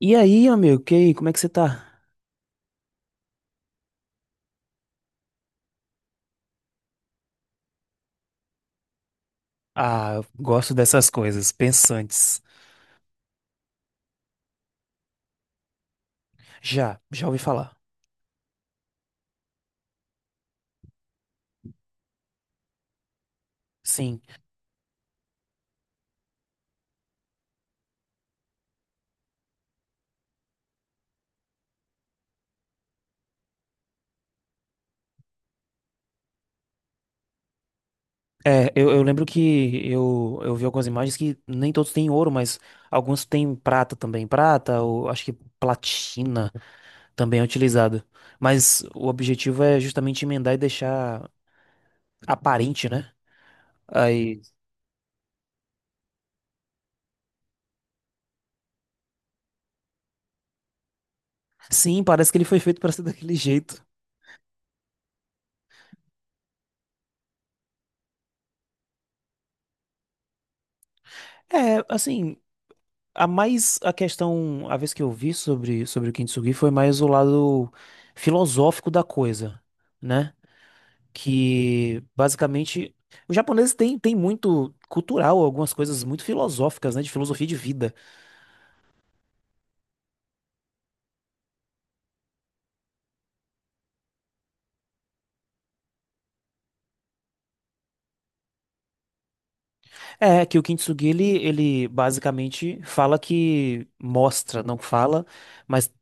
E aí, amigo, que aí, como é que você tá? Ah, eu gosto dessas coisas, pensantes. Já ouvi falar. Sim. É, eu lembro que eu vi algumas imagens que nem todos têm ouro, mas alguns têm prata também. Prata, ou acho que platina também é utilizado. Mas o objetivo é justamente emendar e deixar aparente, né? Aí, sim, parece que ele foi feito pra ser daquele jeito. É, assim, a mais a questão, a vez que eu vi sobre, sobre o Kintsugi foi mais o lado filosófico da coisa, né? Que basicamente os japoneses têm tem muito cultural, algumas coisas muito filosóficas, né? De filosofia de vida. É que o Kintsugi ele basicamente fala que mostra, não fala, mas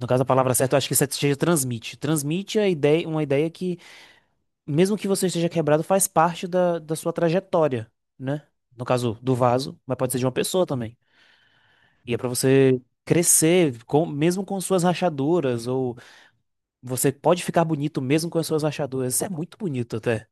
no caso a palavra certa eu acho que seja transmite, transmite a ideia, uma ideia que mesmo que você esteja quebrado, faz parte da sua trajetória, né? No caso do vaso, mas pode ser de uma pessoa também. E é pra você crescer, com, mesmo com suas rachaduras, ou você pode ficar bonito mesmo com as suas rachaduras. Isso é muito bonito até.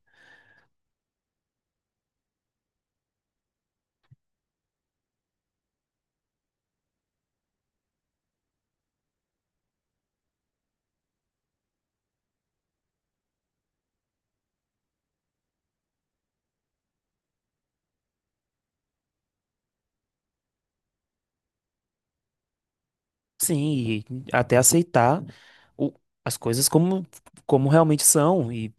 Sim, e até aceitar o- as coisas como, como realmente são e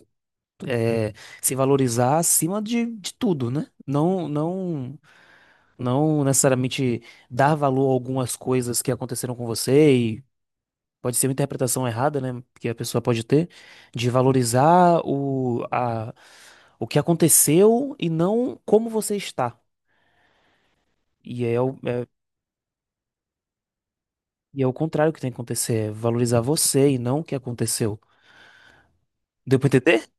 é, se valorizar acima de tudo, né? Não, não necessariamente dar valor a algumas coisas que aconteceram com você pode ser uma interpretação errada, né? Que a pessoa pode ter, de valorizar o, a, o que aconteceu e não como você está. E é o, é, e é o contrário que tem que acontecer, é valorizar você e não o que aconteceu. Deu pra entender?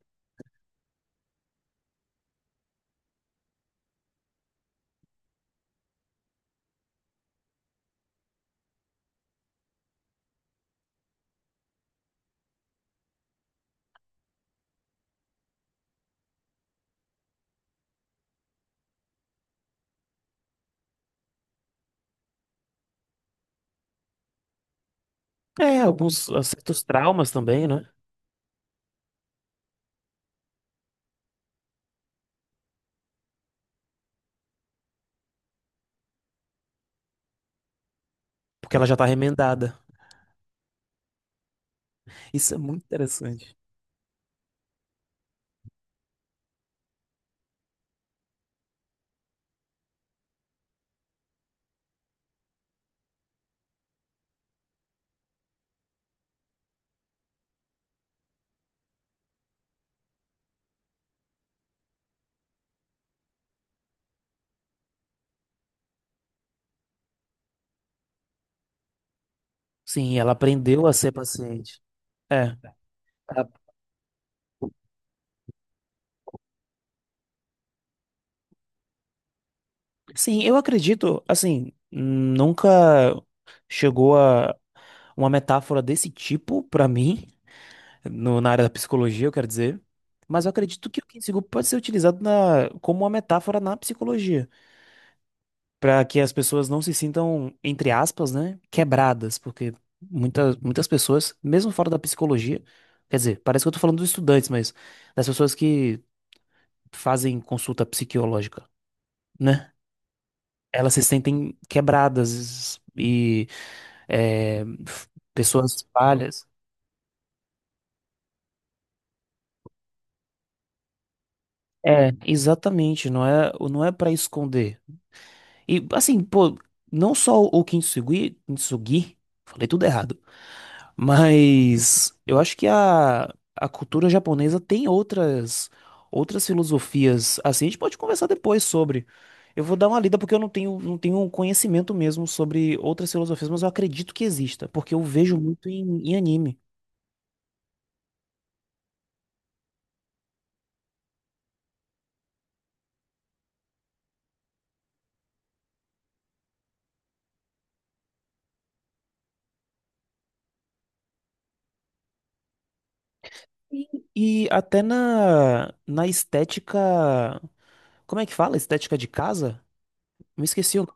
É, alguns certos traumas também, né? Porque ela já tá remendada. Isso é muito interessante. Sim, ela aprendeu a ser paciente. É. Ah, sim, eu acredito, assim, nunca chegou a uma metáfora desse tipo pra mim, no, na área da psicologia, eu quero dizer. Mas eu acredito que o Kinseego pode ser utilizado na, como uma metáfora na psicologia, para que as pessoas não se sintam, entre aspas, né, quebradas, porque muitas pessoas, mesmo fora da psicologia, quer dizer, parece que eu tô falando dos estudantes, mas das pessoas que fazem consulta psiquiológica, né? Elas se sentem quebradas e é, f- pessoas falhas. É, exatamente, não é para esconder. E assim, pô, não só o Kintsugi, Kintsugi, falei tudo errado, mas eu acho que a cultura japonesa tem outras outras filosofias. Assim, a gente pode conversar depois sobre. Eu vou dar uma lida porque eu não tenho conhecimento mesmo sobre outras filosofias, mas eu acredito que exista, porque eu vejo muito em, em anime. E até na na estética, como é que fala? Estética de casa? Me esqueci o...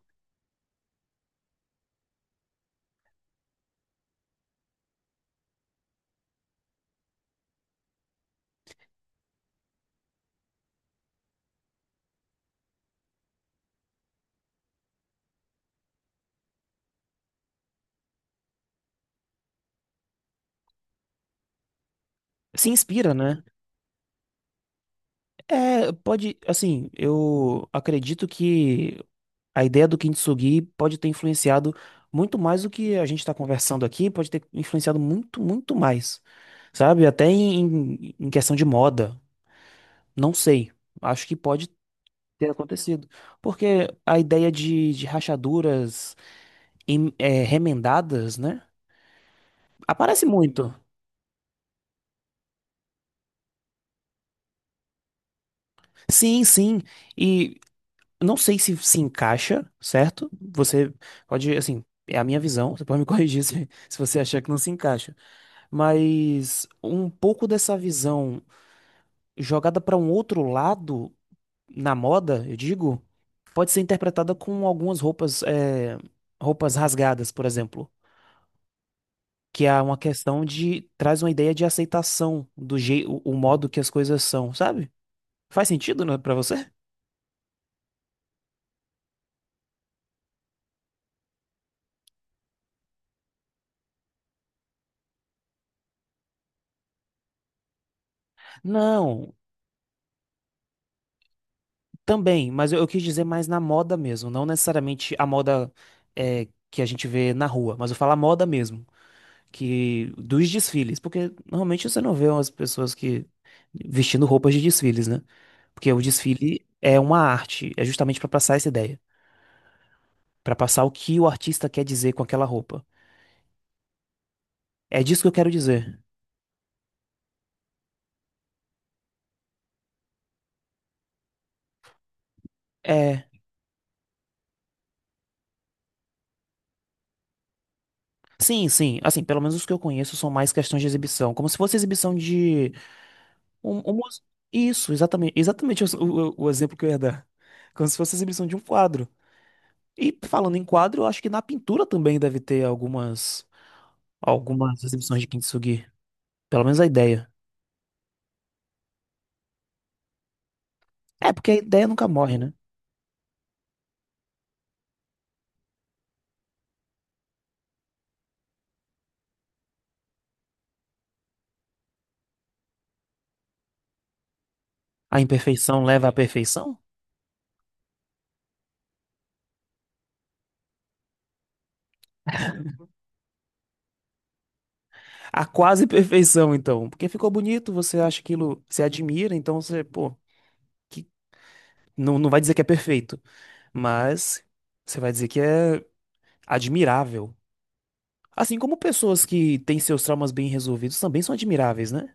Se inspira, né? É, pode, assim, eu acredito que a ideia do Kintsugi pode ter influenciado muito mais do que a gente está conversando aqui, pode ter influenciado muito, muito mais, sabe? Até em, em questão de moda, não sei, acho que pode ter acontecido, porque a ideia de rachaduras é, remendadas, né? Aparece muito. Sim, sim, e não sei se se encaixa, certo? Você pode, assim, é a minha visão, você pode me corrigir se, se você achar que não se encaixa. Mas um pouco dessa visão jogada para um outro lado na moda, eu digo, pode ser interpretada com algumas roupas, é, roupas rasgadas, por exemplo. Que é uma questão de, traz uma ideia de aceitação do jeito, o modo que as coisas são, sabe? Faz sentido, né, para você? Não, também, mas eu quis dizer mais na moda mesmo, não necessariamente a moda é, que a gente vê na rua, mas eu falo a moda mesmo, que dos desfiles, porque normalmente você não vê umas pessoas que vestindo roupas de desfiles, né? Porque o desfile é uma arte, é justamente para passar essa ideia, para passar o que o artista quer dizer com aquela roupa. É disso que eu quero dizer. É, sim, sim, assim, pelo menos os que eu conheço são mais questões de exibição, como se fosse exibição de Um- uma- isso, exatamente, exatamente o, o exemplo que eu ia dar. Como se fosse a exibição de um quadro. E falando em quadro, eu acho que na pintura também deve ter algumas, algumas exibições de Kintsugi. Pelo menos a ideia. É, porque a ideia nunca morre, né? A imperfeição leva à perfeição? À quase perfeição, então. Porque ficou bonito, você acha aquilo, você admira, então você, pô, que, não vai dizer que é perfeito, mas você vai dizer que é admirável. Assim como pessoas que têm seus traumas bem resolvidos também são admiráveis, né?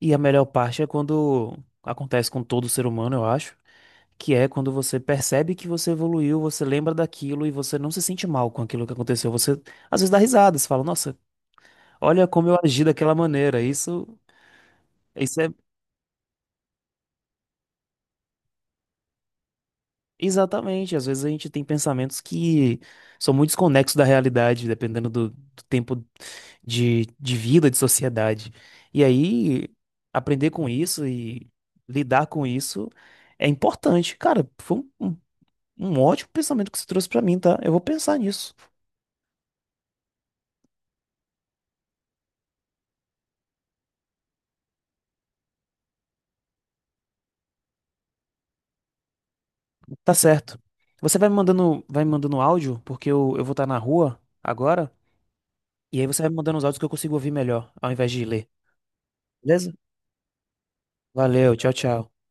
E a melhor parte é quando acontece com todo ser humano, eu acho, que é quando você percebe que você evoluiu, você lembra daquilo e você não se sente mal com aquilo que aconteceu. Você às vezes dá risada, você fala, nossa, olha como eu agi daquela maneira. Isso, isso é. Exatamente, às vezes a gente tem pensamentos que são muito desconexos da realidade, dependendo do tempo de vida, de sociedade. E aí, aprender com isso e lidar com isso é importante. Cara, foi um ótimo pensamento que você trouxe pra mim, tá? Eu vou pensar nisso. Tá certo. Você vai me mandando áudio, porque eu vou estar na rua agora, e aí você vai me mandando os áudios que eu consigo ouvir melhor, ao invés de ler. Beleza? Valeu, tchau, tchau.